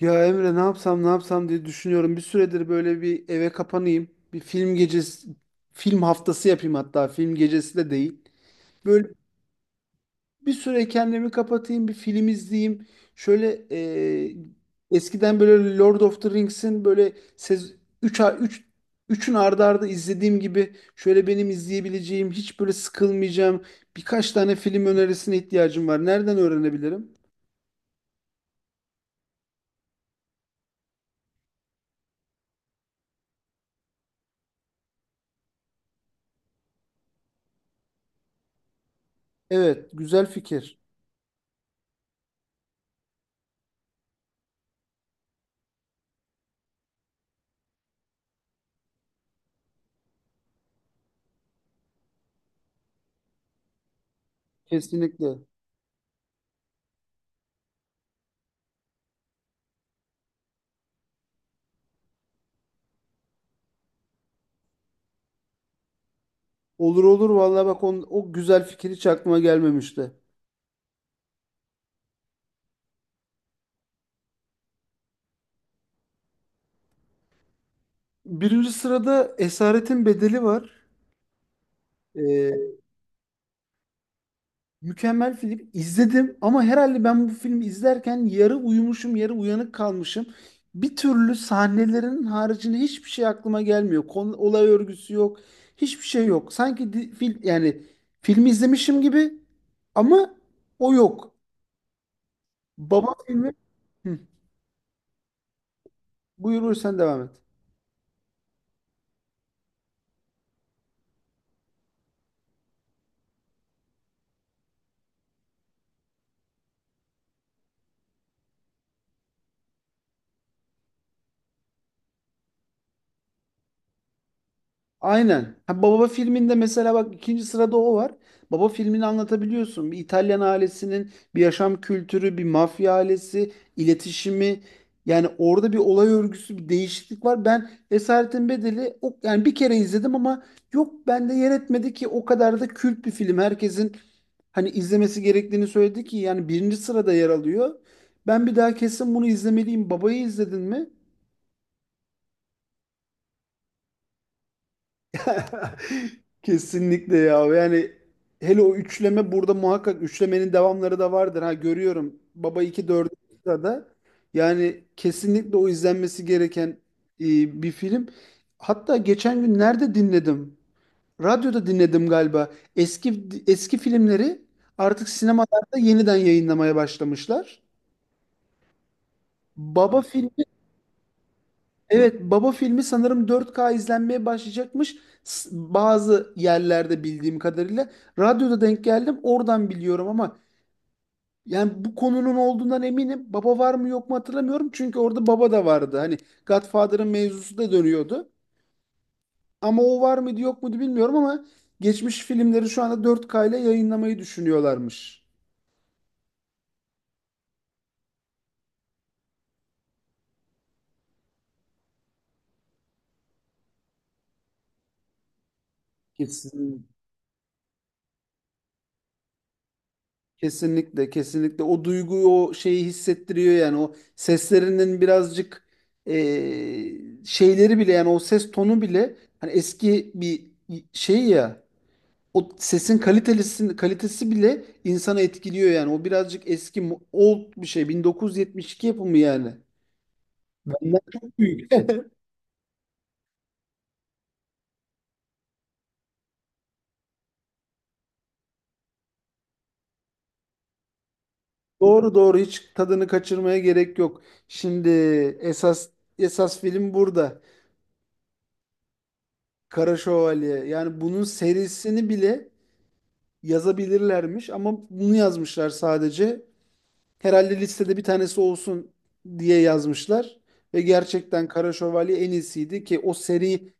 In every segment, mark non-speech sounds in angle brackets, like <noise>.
Ya Emre, ne yapsam ne yapsam diye düşünüyorum. Bir süredir böyle bir eve kapanayım. Bir film gecesi, film haftası yapayım, hatta film gecesi de değil. Böyle bir süre kendimi kapatayım, bir film izleyeyim. Şöyle e, eskiden böyle Lord of the Rings'in böyle 3 3 üçün ardı ardı izlediğim gibi, şöyle benim izleyebileceğim, hiç böyle sıkılmayacağım birkaç tane film önerisine ihtiyacım var. Nereden öğrenebilirim? Evet, güzel fikir. Kesinlikle. Olur olur vallahi bak on, o güzel fikir hiç aklıma gelmemişti. Birinci sırada Esaretin Bedeli var. Ee, Mükemmel film. İzledim ama herhalde ben bu filmi izlerken yarı uyumuşum, yarı uyanık kalmışım. Bir türlü sahnelerin haricinde hiçbir şey aklıma gelmiyor. Konu, olay örgüsü yok. Hiçbir şey yok. Sanki yani filmi izlemişim gibi, ama o yok. Baba filmi. Hı, buyur buyur sen devam et. Aynen. Ha, Baba filminde mesela bak ikinci sırada o var. Baba filmini anlatabiliyorsun. Bir İtalyan ailesinin bir yaşam kültürü, bir mafya ailesi, iletişimi. Yani orada bir olay örgüsü, bir değişiklik var. Ben Esaretin Bedeli o, yani bir kere izledim ama yok, bende yer etmedi ki o kadar da kült bir film. Herkesin hani izlemesi gerektiğini söyledi ki yani birinci sırada yer alıyor. Ben bir daha kesin bunu izlemeliyim. Babayı izledin mi? <laughs> Kesinlikle ya. Yani hele o üçleme, burada muhakkak üçlemenin devamları da vardır. Ha, görüyorum. Baba iki, 4 da yani kesinlikle o izlenmesi gereken bir film. Hatta geçen gün nerede dinledim? Radyoda dinledim galiba. Eski eski filmleri artık sinemalarda yeniden yayınlamaya başlamışlar. Baba film Evet, Baba filmi sanırım 4K izlenmeye başlayacakmış. Bazı yerlerde bildiğim kadarıyla. Radyoda denk geldim, oradan biliyorum ama yani bu konunun olduğundan eminim. Baba var mı yok mu hatırlamıyorum. Çünkü orada baba da vardı. Hani Godfather'ın mevzusu da dönüyordu. Ama o var mıydı yok muydu bilmiyorum ama geçmiş filmleri şu anda 4K ile yayınlamayı düşünüyorlarmış. Kesin. Kesinlikle, kesinlikle o duyguyu, o şeyi hissettiriyor yani o seslerinin birazcık şeyleri bile, yani o ses tonu bile hani eski bir şey ya, o sesin kalitesi bile insanı etkiliyor, yani o birazcık eski old bir şey, 1972 yapımı yani. Benden çok büyük. <laughs> Doğru doğru, hiç tadını kaçırmaya gerek yok. Şimdi esas esas film burada. Kara Şövalye. Yani bunun serisini bile yazabilirlermiş ama bunu yazmışlar sadece. Herhalde listede bir tanesi olsun diye yazmışlar ve gerçekten Kara Şövalye en iyisiydi, ki o seri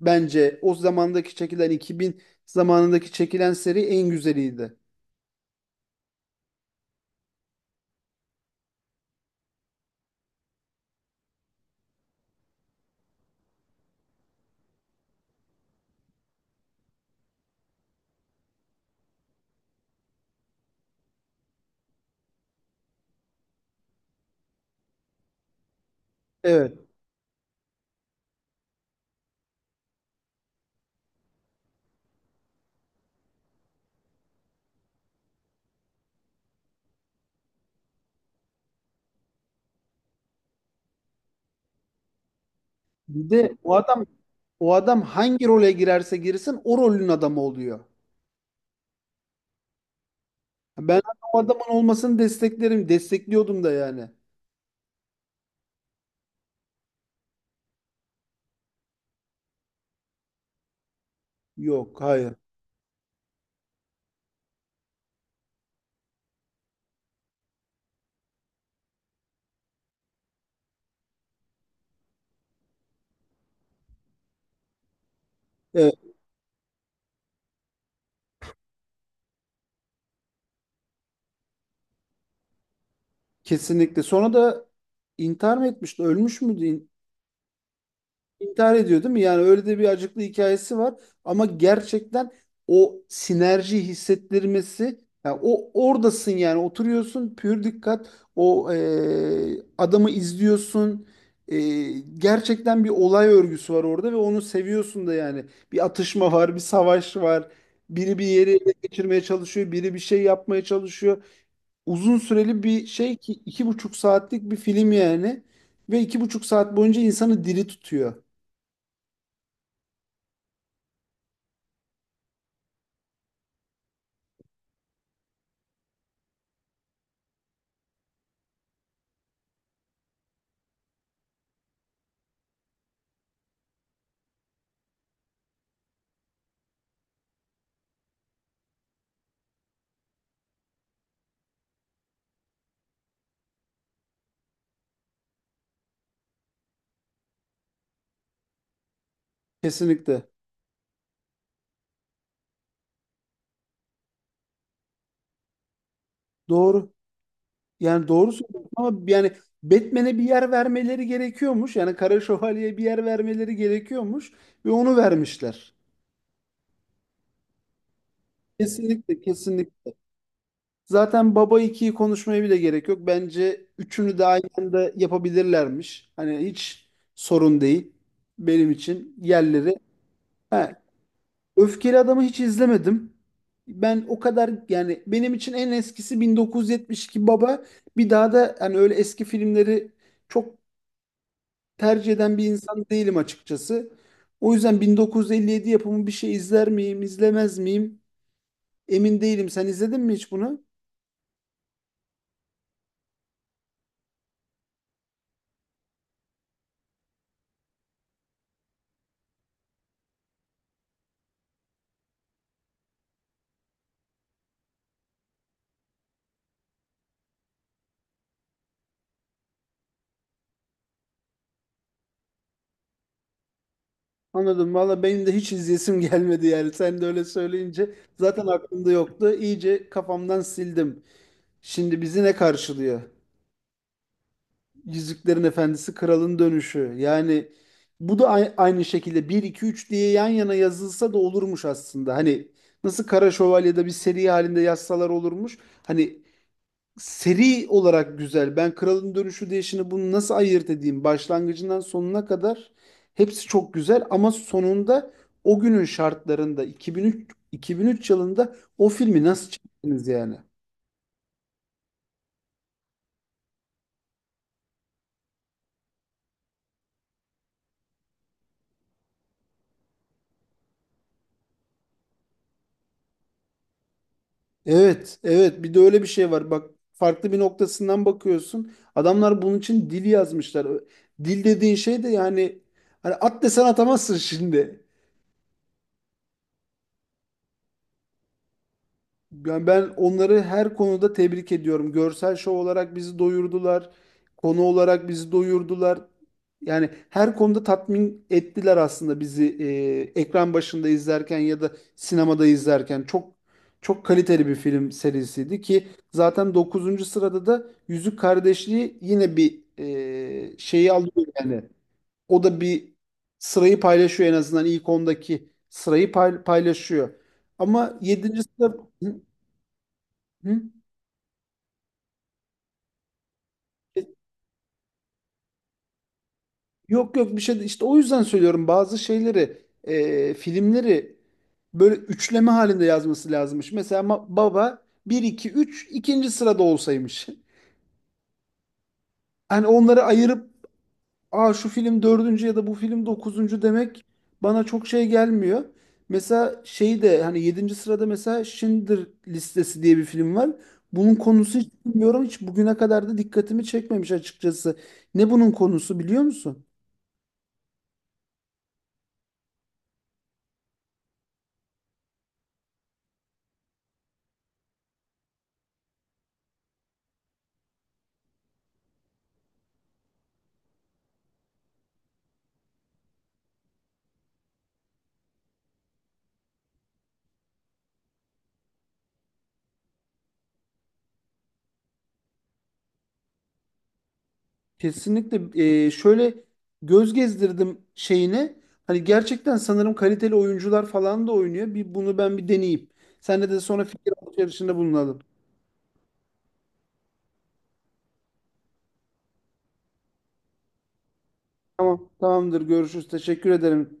bence o zamandaki çekilen, 2000 zamanındaki çekilen seri en güzeliydi. Evet. Bir de o adam, o adam hangi role girerse girsin o rolün adamı oluyor. Ben o adamın olmasını desteklerim, destekliyordum da yani. Yok, hayır. Evet, kesinlikle. Sonra da intihar mı etmişti? Ölmüş müydü? İntihar ediyor, değil mi? Yani öyle de bir acıklı hikayesi var. Ama gerçekten o sinerji hissettirmesi, yani o oradasın, yani oturuyorsun pür dikkat o adamı izliyorsun. E, Gerçekten bir olay örgüsü var orada ve onu seviyorsun da yani. Bir atışma var, bir savaş var. Biri bir yeri ele geçirmeye çalışıyor, biri bir şey yapmaya çalışıyor. Uzun süreli bir şey ki 2,5 saatlik bir film yani. Ve 2,5 saat boyunca insanı diri tutuyor. Kesinlikle. Doğru. Yani doğru söylüyorsun ama yani Batman'e bir yer vermeleri gerekiyormuş. Yani Kara Şövalye'ye bir yer vermeleri gerekiyormuş ve onu vermişler. Kesinlikle, kesinlikle. Zaten Baba ikiyi konuşmaya bile gerek yok. Bence üçünü de aynı anda yapabilirlermiş. Hani hiç sorun değil benim için yerleri. Ha, Öfkeli Adam'ı hiç izlemedim. Ben o kadar, yani benim için en eskisi 1972 Baba. Bir daha da hani öyle eski filmleri çok tercih eden bir insan değilim açıkçası. O yüzden 1957 yapımı bir şey izler miyim, izlemez miyim? Emin değilim. Sen izledin mi hiç bunu? Anladım. Valla benim de hiç izleyesim <laughs> gelmedi yani. Sen de öyle söyleyince zaten aklımda yoktu. İyice kafamdan sildim. Şimdi bizi ne karşılıyor? Yüzüklerin Efendisi, Kralın Dönüşü. Yani bu da aynı şekilde bir 2 3 diye yan yana yazılsa da olurmuş aslında. Hani nasıl Kara Şövalye'de bir seri halinde yazsalar olurmuş. Hani seri olarak güzel. Ben Kralın Dönüşü diye şimdi bunu nasıl ayırt edeyim? Başlangıcından sonuna kadar hepsi çok güzel, ama sonunda o günün şartlarında 2003 yılında o filmi nasıl çektiniz yani? Evet, evet. Bir de öyle bir şey var. Bak farklı bir noktasından bakıyorsun. Adamlar bunun için dil yazmışlar. Dil dediğin şey de yani hani at desen atamazsın şimdi. Yani ben onları her konuda tebrik ediyorum. Görsel şov olarak bizi doyurdular. Konu olarak bizi doyurdular. Yani her konuda tatmin ettiler aslında bizi ekran başında izlerken ya da sinemada izlerken. Çok çok kaliteli bir film serisiydi ki zaten dokuzuncu sırada da Yüzük Kardeşliği yine bir şeyi alıyor yani. O da bir sırayı paylaşıyor, en azından ilk 10'daki sırayı paylaşıyor. Ama yedinci sırada. Hı? E, Yok yok, işte o yüzden söylüyorum bazı şeyleri filmleri böyle üçleme halinde yazması lazımmış. Mesela baba bir 2 3 ikinci sırada olsaymış. <laughs> Hani onları ayırıp, aa şu film dördüncü ya da bu film dokuzuncu demek bana çok şey gelmiyor. Mesela şey de hani yedinci sırada mesela Schindler listesi diye bir film var. Bunun konusu hiç bilmiyorum. Hiç bugüne kadar da dikkatimi çekmemiş açıkçası. Ne bunun konusu biliyor musun? Kesinlikle şöyle göz gezdirdim şeyine. Hani gerçekten sanırım kaliteli oyuncular falan da oynuyor. Bir bunu ben bir deneyeyim. Senle de sonra fikir alışverişinde bulunalım. Tamam, tamamdır. Görüşürüz. Teşekkür ederim.